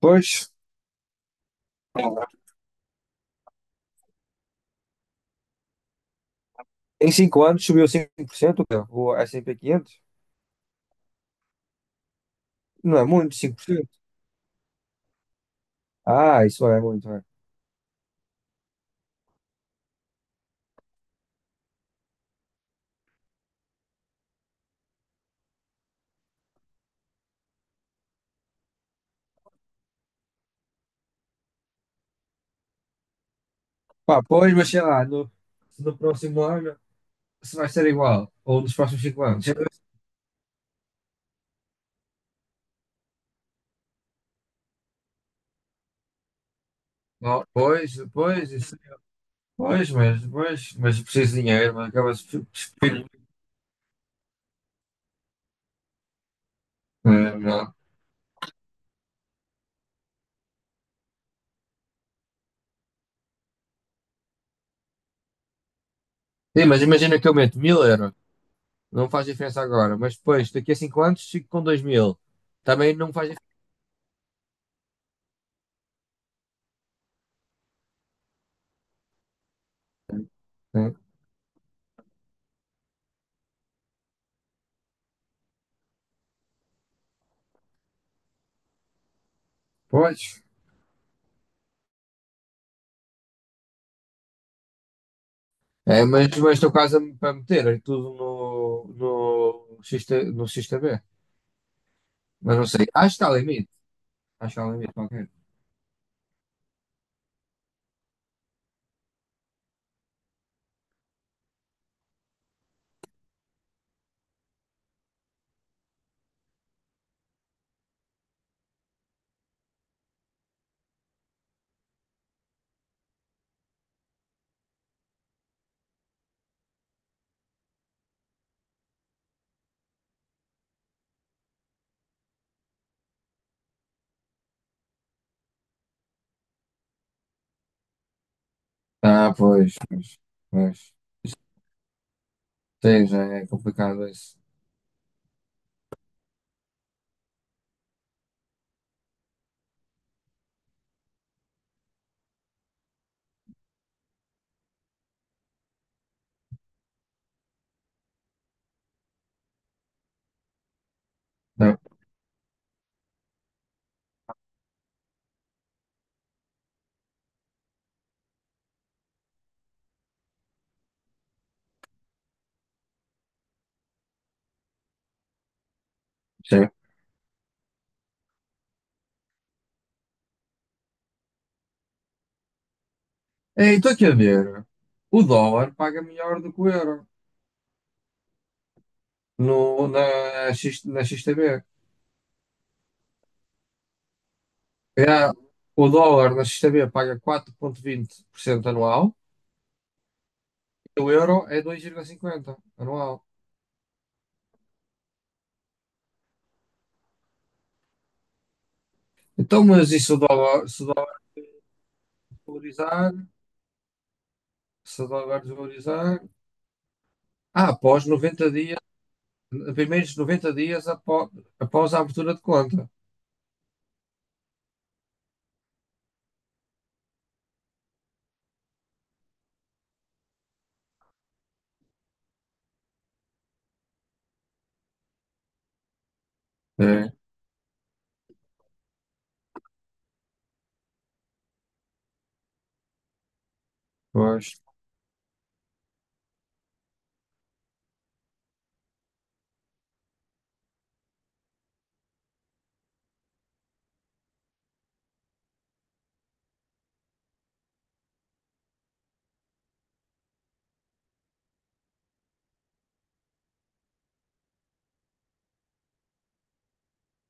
Pois, em 5 anos subiu 5%, cara, o S e P quinhentos. Não é muito, 5%. Ah, isso é muito, é. Pá, pois, mas sei lá, no próximo ano, se vai ser igual, ou nos próximos 5 anos. Sei lá. Não, pois, pois, isso, pois, mas eu preciso de dinheiro, mas acaba-se. É, não. Sim, mas imagina que eu meto 1000 euros, não faz diferença agora, mas depois, daqui a 5 anos, fico com 2000. Também não faz diferença. Né? Pois. É, mas estou quase para meter aí tudo no X T B. Mas não sei. Acho que está limite. Acho que está limite qualquer. Ah, pois, pois, pois. Sim, já é complicado isso. Não, sim. Ei, estou aqui a ver. O dólar paga melhor do que o euro no, na X T B. É, o dólar na X T B paga 4,20% anual e o euro é 2,50% anual. Então, mas e se o dólar valorizar? Se o dólar desvalorizar. Ah, após 90 dias, primeiros 90 dias após a abertura de conta. É, pois.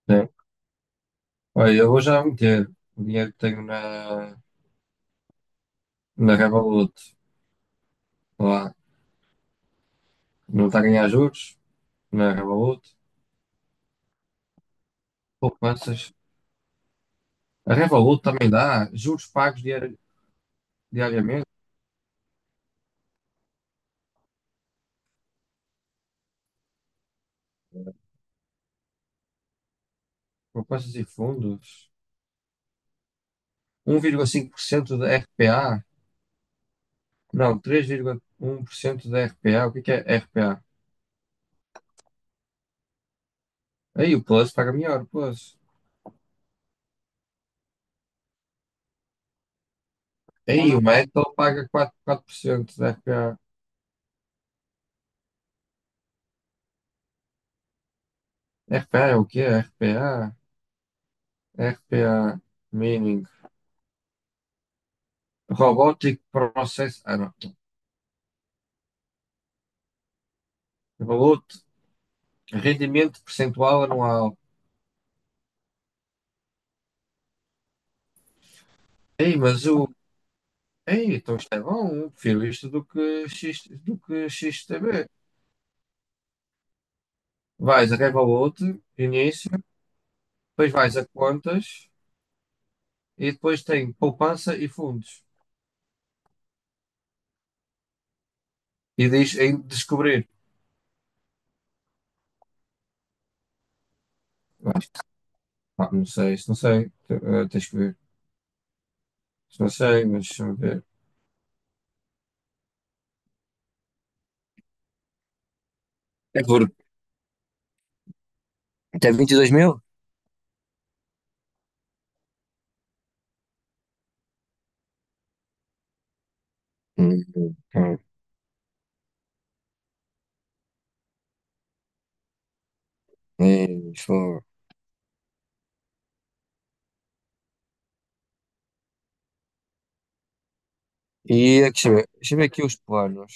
É. Olha, eu vou já meter o dinheiro que tenho na Revolut. Lá. Não está a ganhar juros na Revolut. Poupanças. A Revolut também dá juros pagos diariamente. Poupanças e fundos. 1,5% da RPA. Não, 3,1% da RPA. O que é RPA? Aí o Plus paga melhor, o Plus. Ei, como o Metal paga 4%, 4% da RPA. RPA é o quê? RPA? RPA meaning Robotic Process. Ah, não. Roboto, rendimento percentual anual. Ei, mas o. Ei, então isto é bom. Prefiro isto do que XTB. Vais a Revolut, início, depois vais a contas e depois tem poupança e fundos. E diz em descobrir. Mas, pá, não sei, isso não sei. Tens que ver. Isso não sei, mas deixa-me ver. É por. Até 22 mil? Hum, hum. Isso. E aqui, deixa eu ver aqui os planos.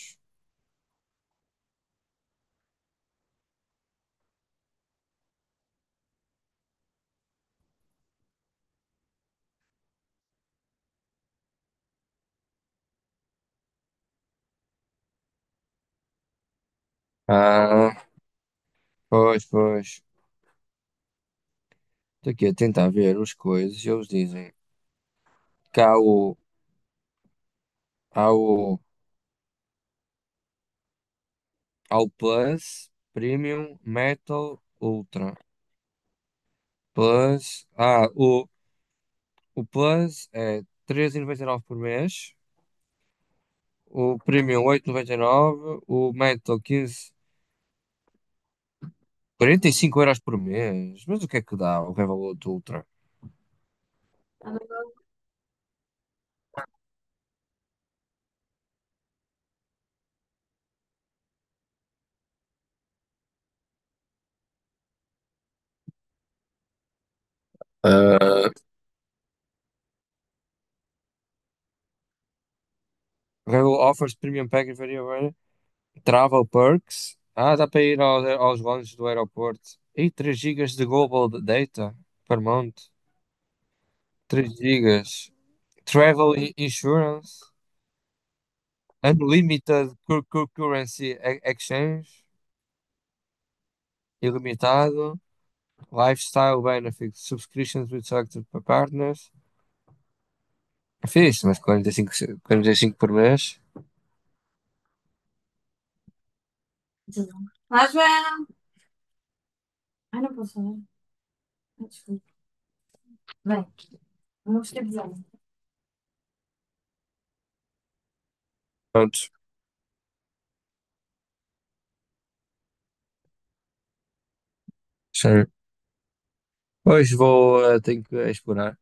Ah, pois, pois. Estou aqui a tentar ver as coisas e eles dizem que há o, há o Plus, Premium, Metal, Ultra. Plus, ah, o, o Plus é 13,99 por mês, o Premium 8,99, o Metal quinze, 45 euros por mês. Mas o que é que dá o Revolut Ultra? Rail offers premium package for variable, travel perks. Ah, dá para ir aos lounges do aeroporto. E 3 gigas de global data per month. 3 gigas. Travel insurance. Unlimited currency exchange. Ilimitado. Lifestyle benefits. Subscriptions with selected partners. É fixe, mas 45, 45 por mês. Lá, Joana. Ai, não posso falar. Ah, desculpa. Bem, vamos ter de. Pronto. Já. Hoje vou, tenho que explorar,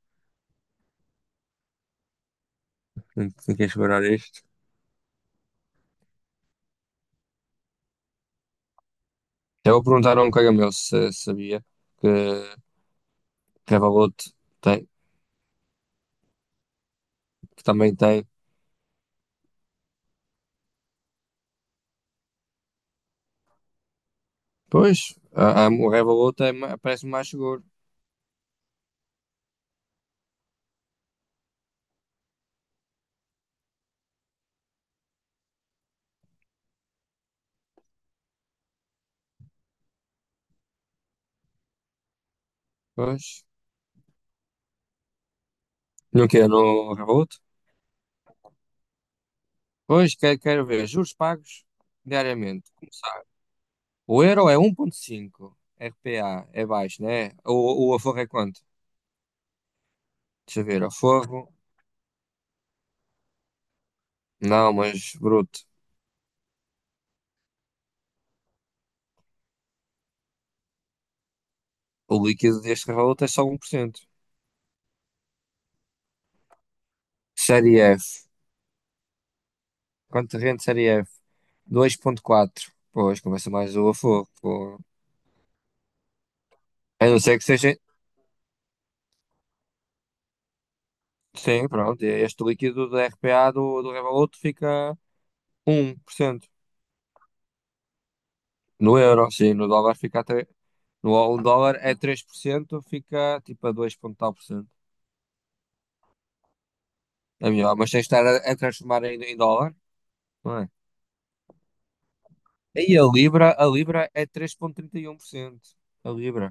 tenho, tenho que explorar isto. Já vou perguntar a um colega meu se sabia que Revolut tem, que também tem. Pois, o Revolut é, parece-me mais seguro. Pois, não quero no Revolut? Pois, quero ver juros pagos diariamente. Começar. O euro é um 1,5, RPA é baixo, né? O aforro é quanto? Deixa eu ver, aforro. Não, mas bruto. O líquido deste Revolut é só 1%. Série F. Contingente Série F, 2,4. Pois, começa mais o a fogo. Pô. A não ser que seja. Sim, pronto. Este líquido do RPA do Revolut fica 1%. No euro, sim. No dólar fica a 3%. No ao dólar é 3%, fica tipo a 2 ponto tal por cento. É melhor, mas tens de estar a transformar em dólar, não é? E a Libra é 3,31%. A Libra.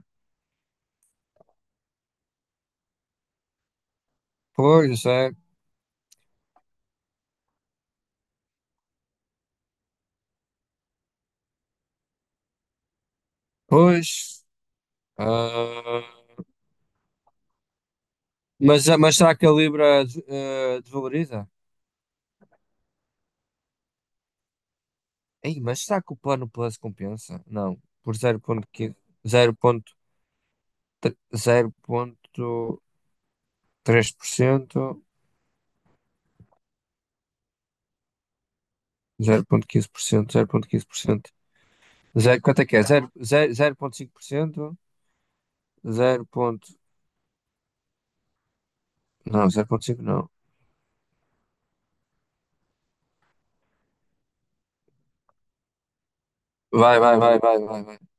Pois, isso é. Pois. Ah. Mas será que a Libra desvaloriza? Ei, mas será que o plano Plus compensa? Não, por 0,15, 0,3, 0,3%, 0,15%, 0,15%. Zero, ponto três por cento, zero ponto quinze por cento, zero ponto quinze por cento. Zero quanto é que é? Zero ponto cinco por cento, zero ponto não, 0,5 não. Vai, vai, vai, vai, vai, vai.